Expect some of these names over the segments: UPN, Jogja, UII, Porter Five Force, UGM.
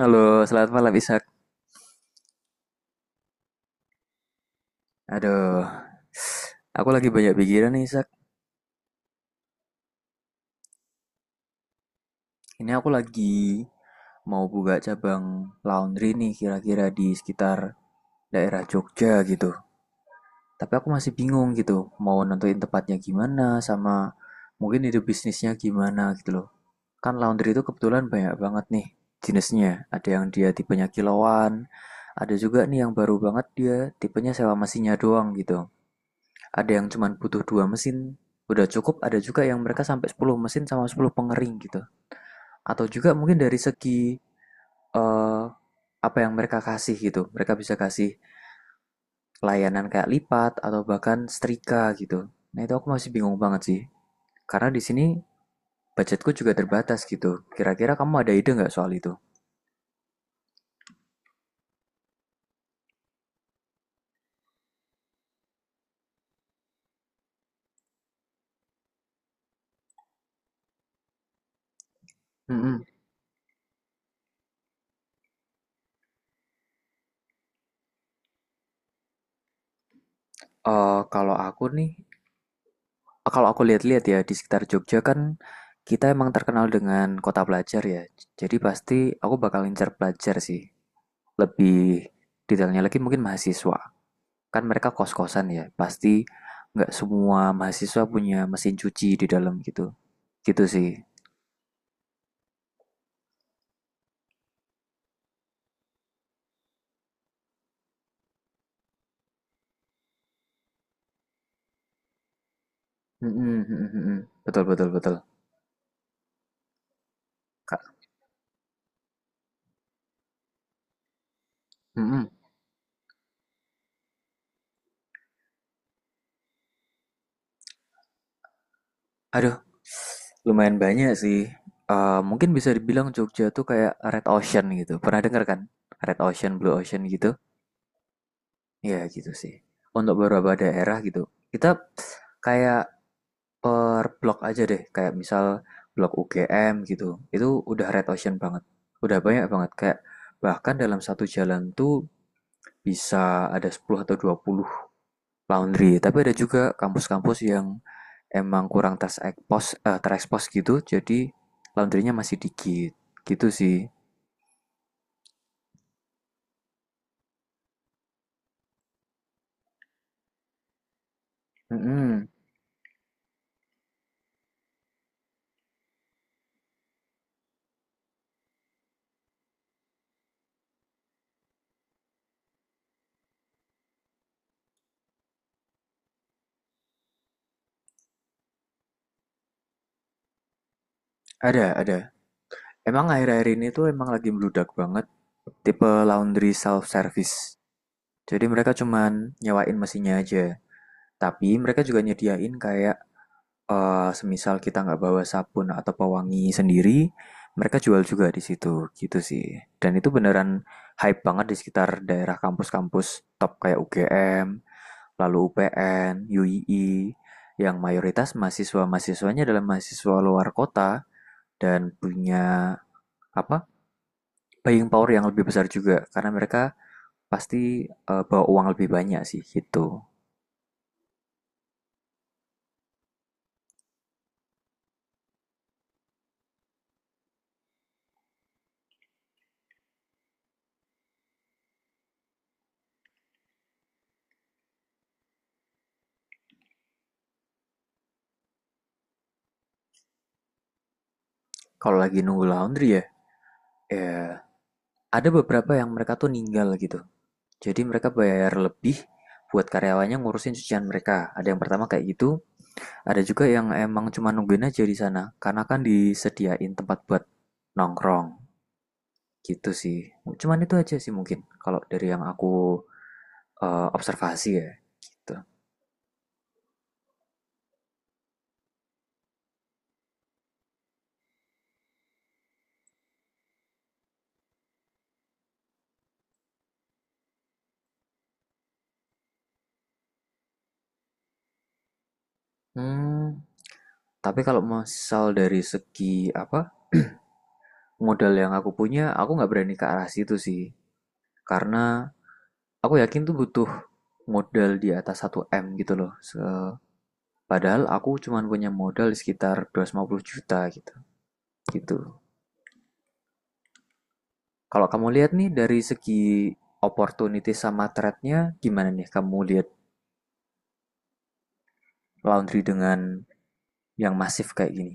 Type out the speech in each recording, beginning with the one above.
Halo, selamat malam Ishak. Aduh, aku lagi banyak pikiran nih Ishak. Ini aku lagi mau buka cabang laundry nih kira-kira di sekitar daerah Jogja gitu. Tapi aku masih bingung gitu, mau nentuin tempatnya gimana sama mungkin ide bisnisnya gimana gitu loh. Kan laundry itu kebetulan banyak banget nih jenisnya. Ada yang dia tipenya kiloan, ada juga nih yang baru banget dia tipenya sewa mesinnya doang gitu. Ada yang cuma butuh 2 mesin, udah cukup, ada juga yang mereka sampai 10 mesin sama 10 pengering gitu. Atau juga mungkin dari segi eh, apa yang mereka kasih gitu. Mereka bisa kasih layanan kayak lipat atau bahkan setrika gitu. Nah, itu aku masih bingung banget sih. Karena di sini budgetku juga terbatas gitu. Kira-kira kamu ada ide nggak soal itu? Mm-mm. Kalau aku nih, kalau aku lihat-lihat ya di sekitar Jogja kan kita emang terkenal dengan kota pelajar ya. Jadi pasti aku bakal incer pelajar sih. Lebih detailnya lagi mungkin mahasiswa, kan mereka kos-kosan ya, pasti nggak semua mahasiswa punya mesin cuci di dalam gitu, gitu sih. Mhm mhm mhm, betul betul betul, Kak. mhm, Aduh, lumayan banyak sih, mungkin bisa dibilang Jogja tuh kayak red ocean gitu, pernah dengar kan? Red ocean, blue ocean gitu? Ya gitu sih, untuk beberapa daerah gitu, kita kayak per blok aja deh, kayak misal blok UGM gitu. Itu udah red ocean banget. Udah banyak banget kayak bahkan dalam satu jalan tuh bisa ada 10 atau 20 laundry. Tapi ada juga kampus-kampus yang emang kurang terekspos gitu, jadi laundrynya masih dikit. Gitu sih. Mm-mm. Ada, ada. Emang akhir-akhir ini tuh emang lagi meludak banget tipe laundry self service. Jadi mereka cuman nyewain mesinnya aja. Tapi mereka juga nyediain kayak semisal kita nggak bawa sabun atau pewangi sendiri, mereka jual juga di situ gitu sih. Dan itu beneran hype banget di sekitar daerah kampus-kampus top kayak UGM, lalu UPN, UII, yang mayoritas mahasiswa-mahasiswanya adalah mahasiswa luar kota dan punya apa buying power yang lebih besar juga karena mereka pasti bawa uang lebih banyak sih gitu. Kalau lagi nunggu laundry ya, ya ada beberapa yang mereka tuh ninggal gitu. Jadi mereka bayar lebih buat karyawannya ngurusin cucian mereka. Ada yang pertama kayak gitu, ada juga yang emang cuma nungguin aja di sana karena kan disediain tempat buat nongkrong gitu sih. Cuman itu aja sih mungkin kalau dari yang aku observasi ya gitu. Hmm, tapi kalau misal dari segi apa modal yang aku punya, aku nggak berani ke arah situ sih. Karena aku yakin tuh butuh modal di atas satu m gitu loh. Padahal aku cuman punya modal sekitar 250 juta gitu. Gitu. Kalau kamu lihat nih dari segi opportunity sama threat-nya gimana nih kamu lihat laundry dengan yang masif kayak gini?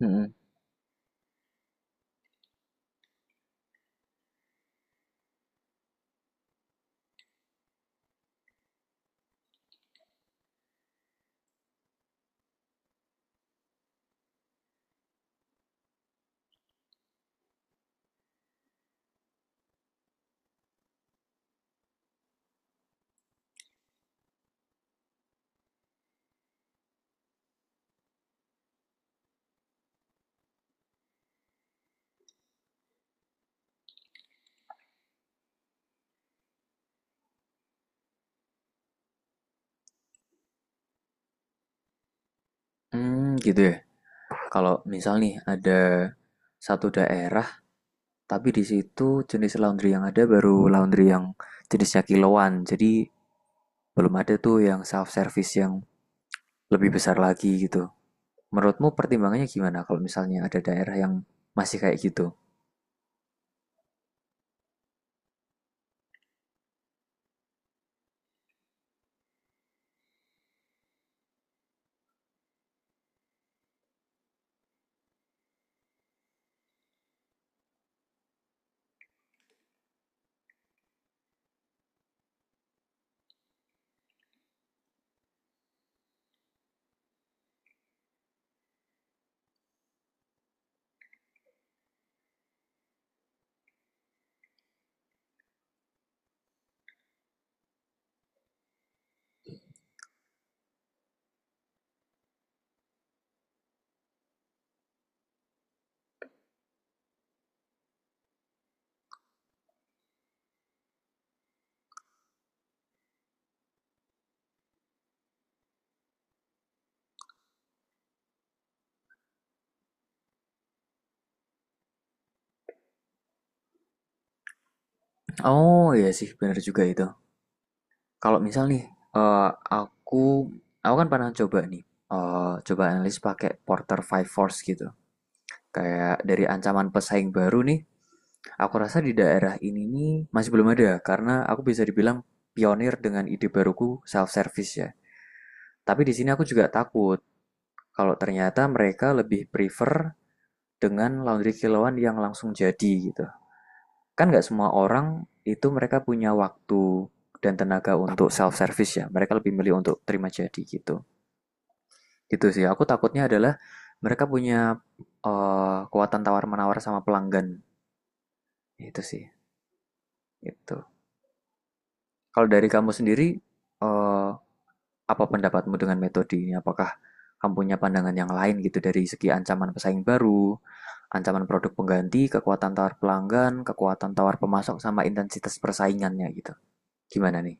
mm Hmm, gitu ya. Kalau misal nih ada satu daerah tapi di situ jenis laundry yang ada baru laundry yang jenisnya kiloan. Jadi belum ada tuh yang self service yang lebih besar lagi gitu. Menurutmu pertimbangannya gimana kalau misalnya ada daerah yang masih kayak gitu? Oh iya sih, benar juga itu. Kalau misal nih, eh, aku aku kan pernah coba nih, coba analisis pakai Porter Five Force gitu. Kayak dari ancaman pesaing baru nih, aku rasa di daerah ini nih masih belum ada karena aku bisa dibilang pionir dengan ide baruku self service ya. Tapi di sini aku juga takut kalau ternyata mereka lebih prefer dengan laundry kilauan yang langsung jadi gitu. Kan nggak semua orang itu mereka punya waktu dan tenaga untuk self service ya. Mereka lebih milih untuk terima jadi gitu. Gitu sih. Aku takutnya adalah mereka punya kekuatan tawar menawar sama pelanggan. Itu sih. Itu. Kalau dari kamu sendiri eh, apa pendapatmu dengan metode ini? Apakah kamu punya pandangan yang lain gitu dari segi ancaman pesaing baru, ancaman produk pengganti, kekuatan tawar pelanggan, kekuatan tawar pemasok sama intensitas persaingannya gitu. Gimana nih?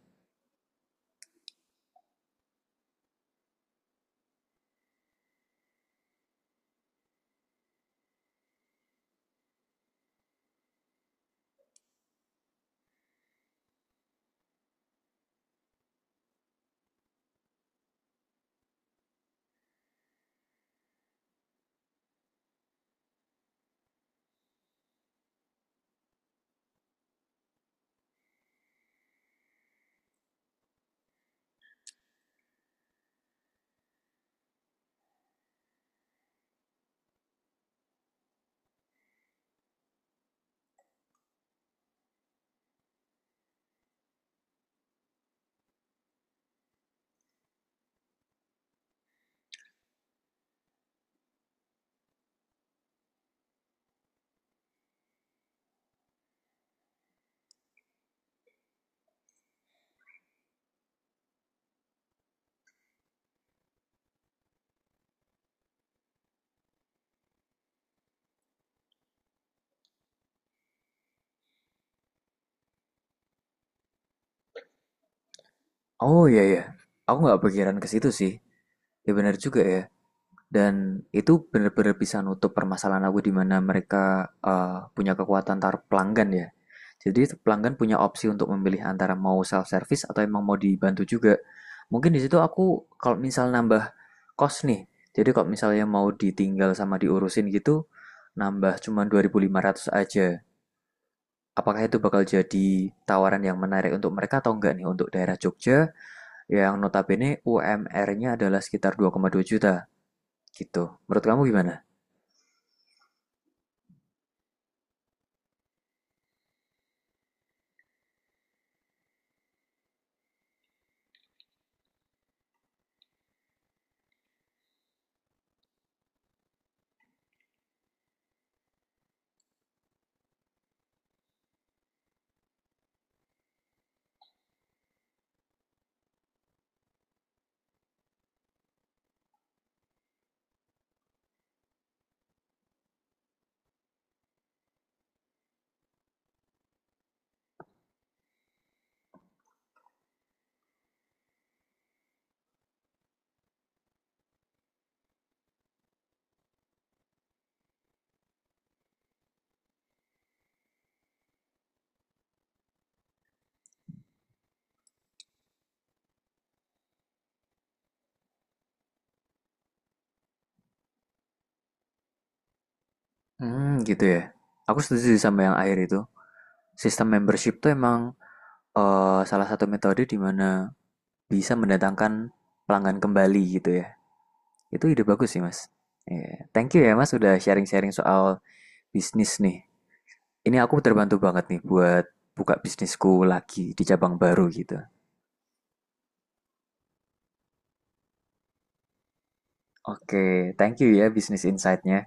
Oh iya ya, aku nggak pikiran ke situ sih. Ya benar juga ya. Dan itu benar-benar bisa nutup permasalahan aku di mana mereka punya kekuatan taruh pelanggan ya. Jadi pelanggan punya opsi untuk memilih antara mau self service atau emang mau dibantu juga. Mungkin di situ aku kalau misal nambah kos nih. Jadi kalau misalnya mau ditinggal sama diurusin gitu, nambah cuma 2.500 aja. Apakah itu bakal jadi tawaran yang menarik untuk mereka atau enggak nih untuk daerah Jogja yang notabene UMR-nya adalah sekitar 2,2 juta gitu. Menurut kamu gimana? Hmm, gitu ya. Aku setuju sama yang akhir itu. Sistem membership tuh emang salah satu metode di mana bisa mendatangkan pelanggan kembali gitu ya. Itu ide bagus sih, Mas. Iya. Thank you ya, Mas, udah sharing-sharing soal bisnis nih. Ini aku terbantu banget nih buat buka bisnisku lagi di cabang baru gitu. Oke, okay, thank you ya bisnis insight-nya.